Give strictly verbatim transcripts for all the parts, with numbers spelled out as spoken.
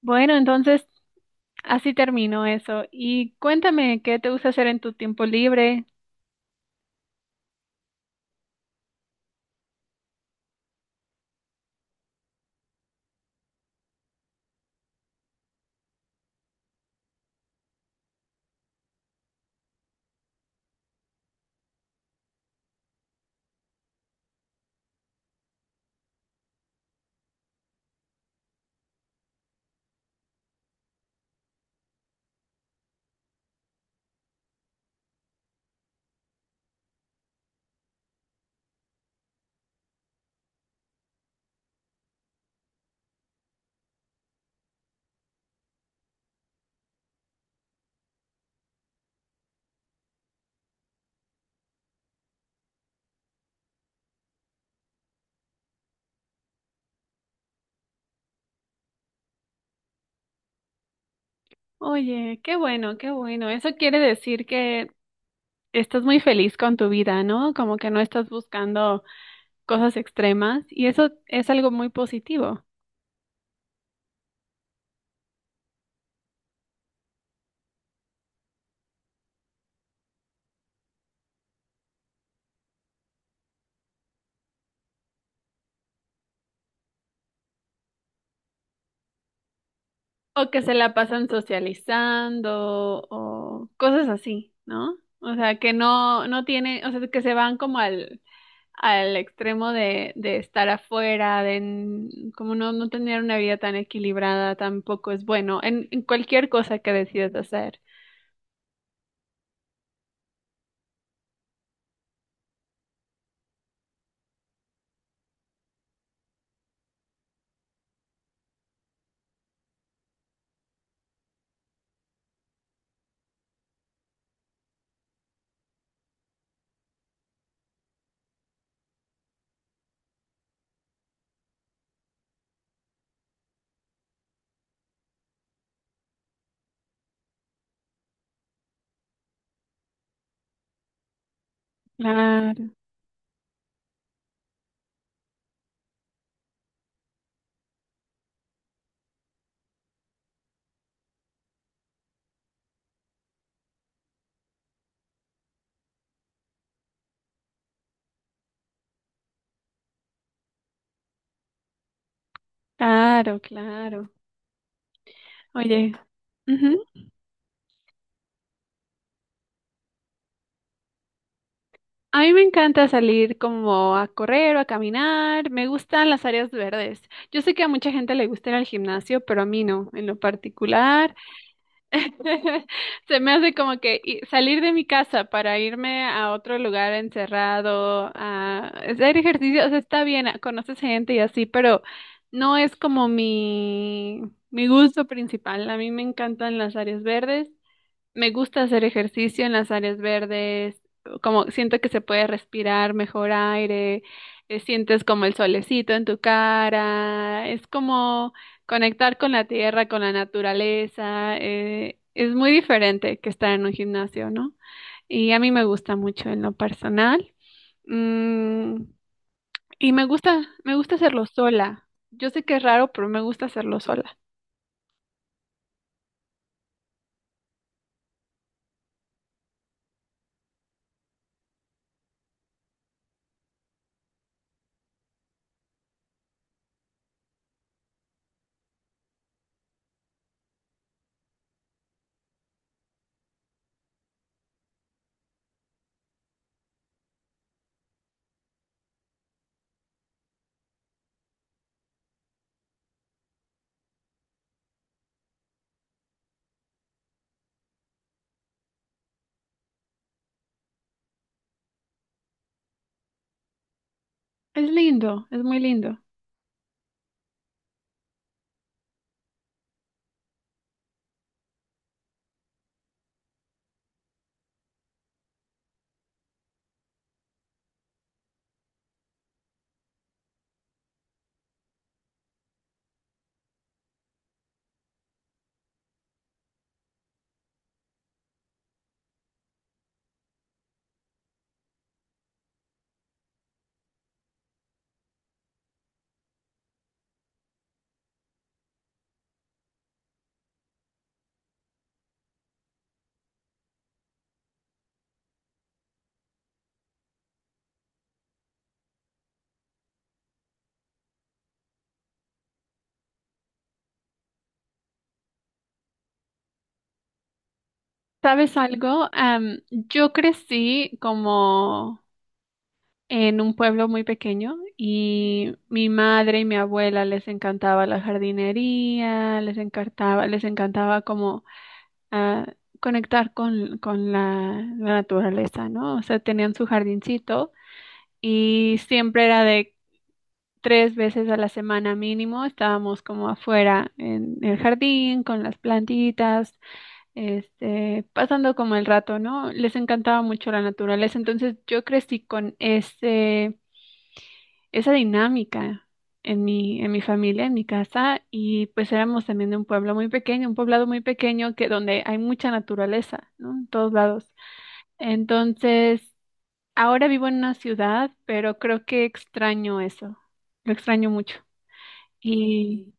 Bueno, entonces así terminó eso. Y cuéntame, ¿qué te gusta hacer en tu tiempo libre? Oye, qué bueno, qué bueno. Eso quiere decir que estás muy feliz con tu vida, ¿no? Como que no estás buscando cosas extremas y eso es algo muy positivo. O que se la pasan socializando o cosas así, ¿no? O sea, que no, no tiene, o sea, que se van como al al extremo de, de estar afuera, de n- como no, no tener una vida tan equilibrada, tampoco es bueno en, en cualquier cosa que decides hacer. Claro, claro, claro. Oye, ujú. A mí me encanta salir como a correr o a caminar, me gustan las áreas verdes. Yo sé que a mucha gente le gusta ir al gimnasio, pero a mí no, en lo particular. Se me hace como que i- salir de mi casa para irme a otro lugar encerrado, a hacer ejercicio, o sea, está bien, a- conoces gente y así, pero no es como mi, mi gusto principal. A mí me encantan las áreas verdes, me gusta hacer ejercicio en las áreas verdes, como siento que se puede respirar mejor aire. Eh, sientes como el solecito en tu cara, es como conectar con la tierra, con la naturaleza. Eh, es muy diferente que estar en un gimnasio, ¿no? Y a mí me gusta mucho en lo personal. Mm, y me gusta, me gusta hacerlo sola. Yo sé que es raro, pero me gusta hacerlo sola. Es lindo, es muy lindo. ¿Sabes algo? Am, yo crecí como en un pueblo muy pequeño y mi madre y mi abuela les encantaba la jardinería, les encantaba, les encantaba como ah, conectar con, con la, la naturaleza, ¿no? O sea, tenían su jardincito y siempre era de tres veces a la semana mínimo, estábamos como afuera en el jardín con las plantitas, este, pasando como el rato, ¿no? Les encantaba mucho la naturaleza, entonces yo crecí con ese, esa dinámica en mi, en mi familia, en mi casa, y pues éramos también de un pueblo muy pequeño, un poblado muy pequeño que donde hay mucha naturaleza, ¿no? En todos lados. Entonces, ahora vivo en una ciudad, pero creo que extraño eso, lo extraño mucho. Y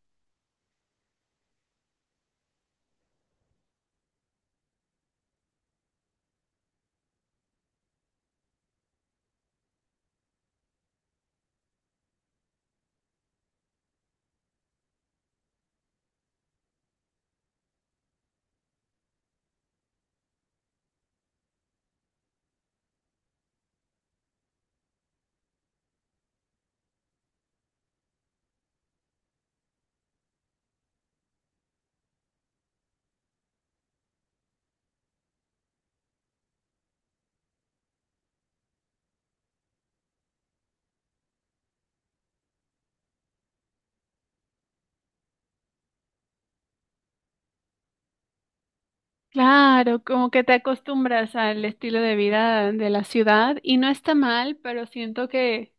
claro, como que te acostumbras al estilo de vida de la ciudad y no está mal, pero siento que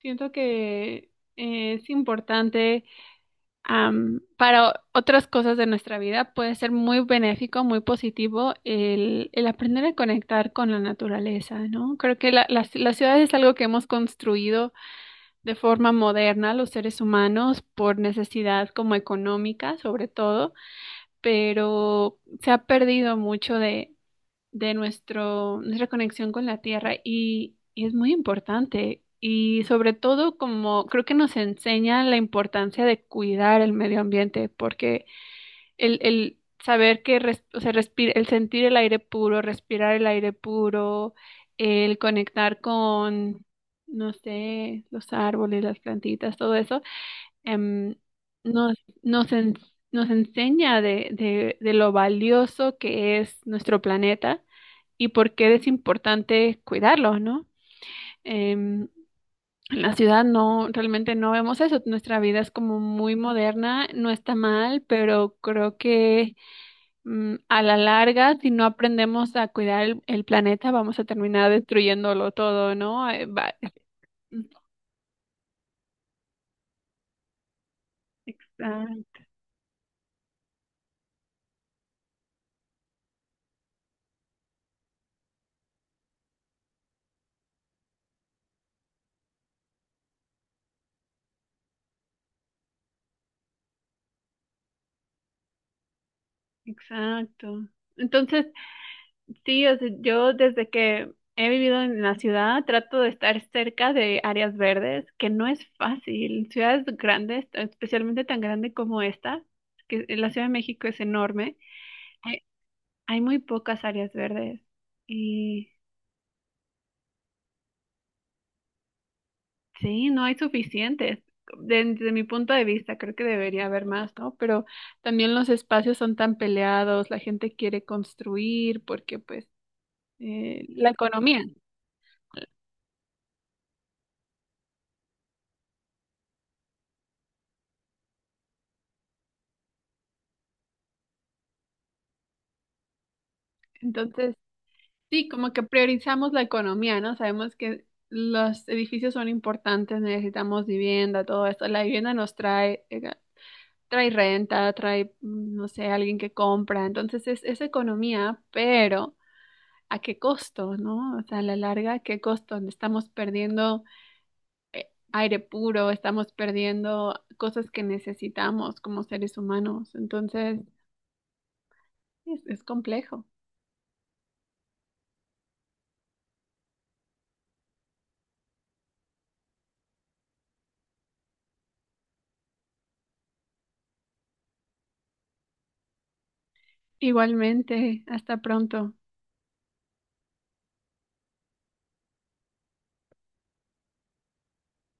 siento que eh, es importante. Am, para o- otras cosas de nuestra vida puede ser muy benéfico, muy positivo el, el aprender a conectar con la naturaleza, ¿no? Creo que la, la, la ciudad es algo que hemos construido de forma moderna los seres humanos por necesidad como económica, sobre todo, pero se ha perdido mucho de, de nuestro, nuestra conexión con la tierra. Y, y es muy importante y sobre todo como creo que nos enseña la importancia de cuidar el medio ambiente, porque el, el saber que res- o sea, respir- el sentir el aire puro, respirar el aire puro, el conectar con, no sé, los árboles, las plantitas, todo eso, em, nos, nos, en- nos enseña de, de de lo valioso que es nuestro planeta y por qué es importante cuidarlos, ¿no? Em, en la ciudad no, realmente no vemos eso. Nuestra vida es como muy moderna, no está mal, pero creo que, mm, a la larga, si no aprendemos a cuidar el, el planeta, vamos a terminar destruyéndolo todo, ¿no? Eh, va- Exa- Exacto. Entonces, sí, o sea, yo desde que he vivido en la ciudad trato de estar cerca de áreas verdes, que no es fácil. Ciudades grandes, especialmente tan grande como esta, que la Ciudad de México es enorme, hay, hay muy pocas áreas verdes y sí, no hay suficientes. Desde, desde mi punto de vista, creo que debería haber más, ¿no? Pero también los espacios son tan peleados, la gente quiere construir porque pues eh, la economía. Entonces... sí, como que priorizamos la economía, ¿no? Sabemos que los edificios son importantes, necesitamos vivienda, todo esto. La vivienda nos trae, eh, trae renta, trae, mm, no sé, alguien que compra. Entonces es, es economía, pero ¿a qué costo, no? O sea, a la larga, ¿a qué costo? Estamos perdiendo, eh, aire puro, estamos perdiendo cosas que necesitamos como seres humanos. Entonces es es complejo. Igualmente, hasta pronto.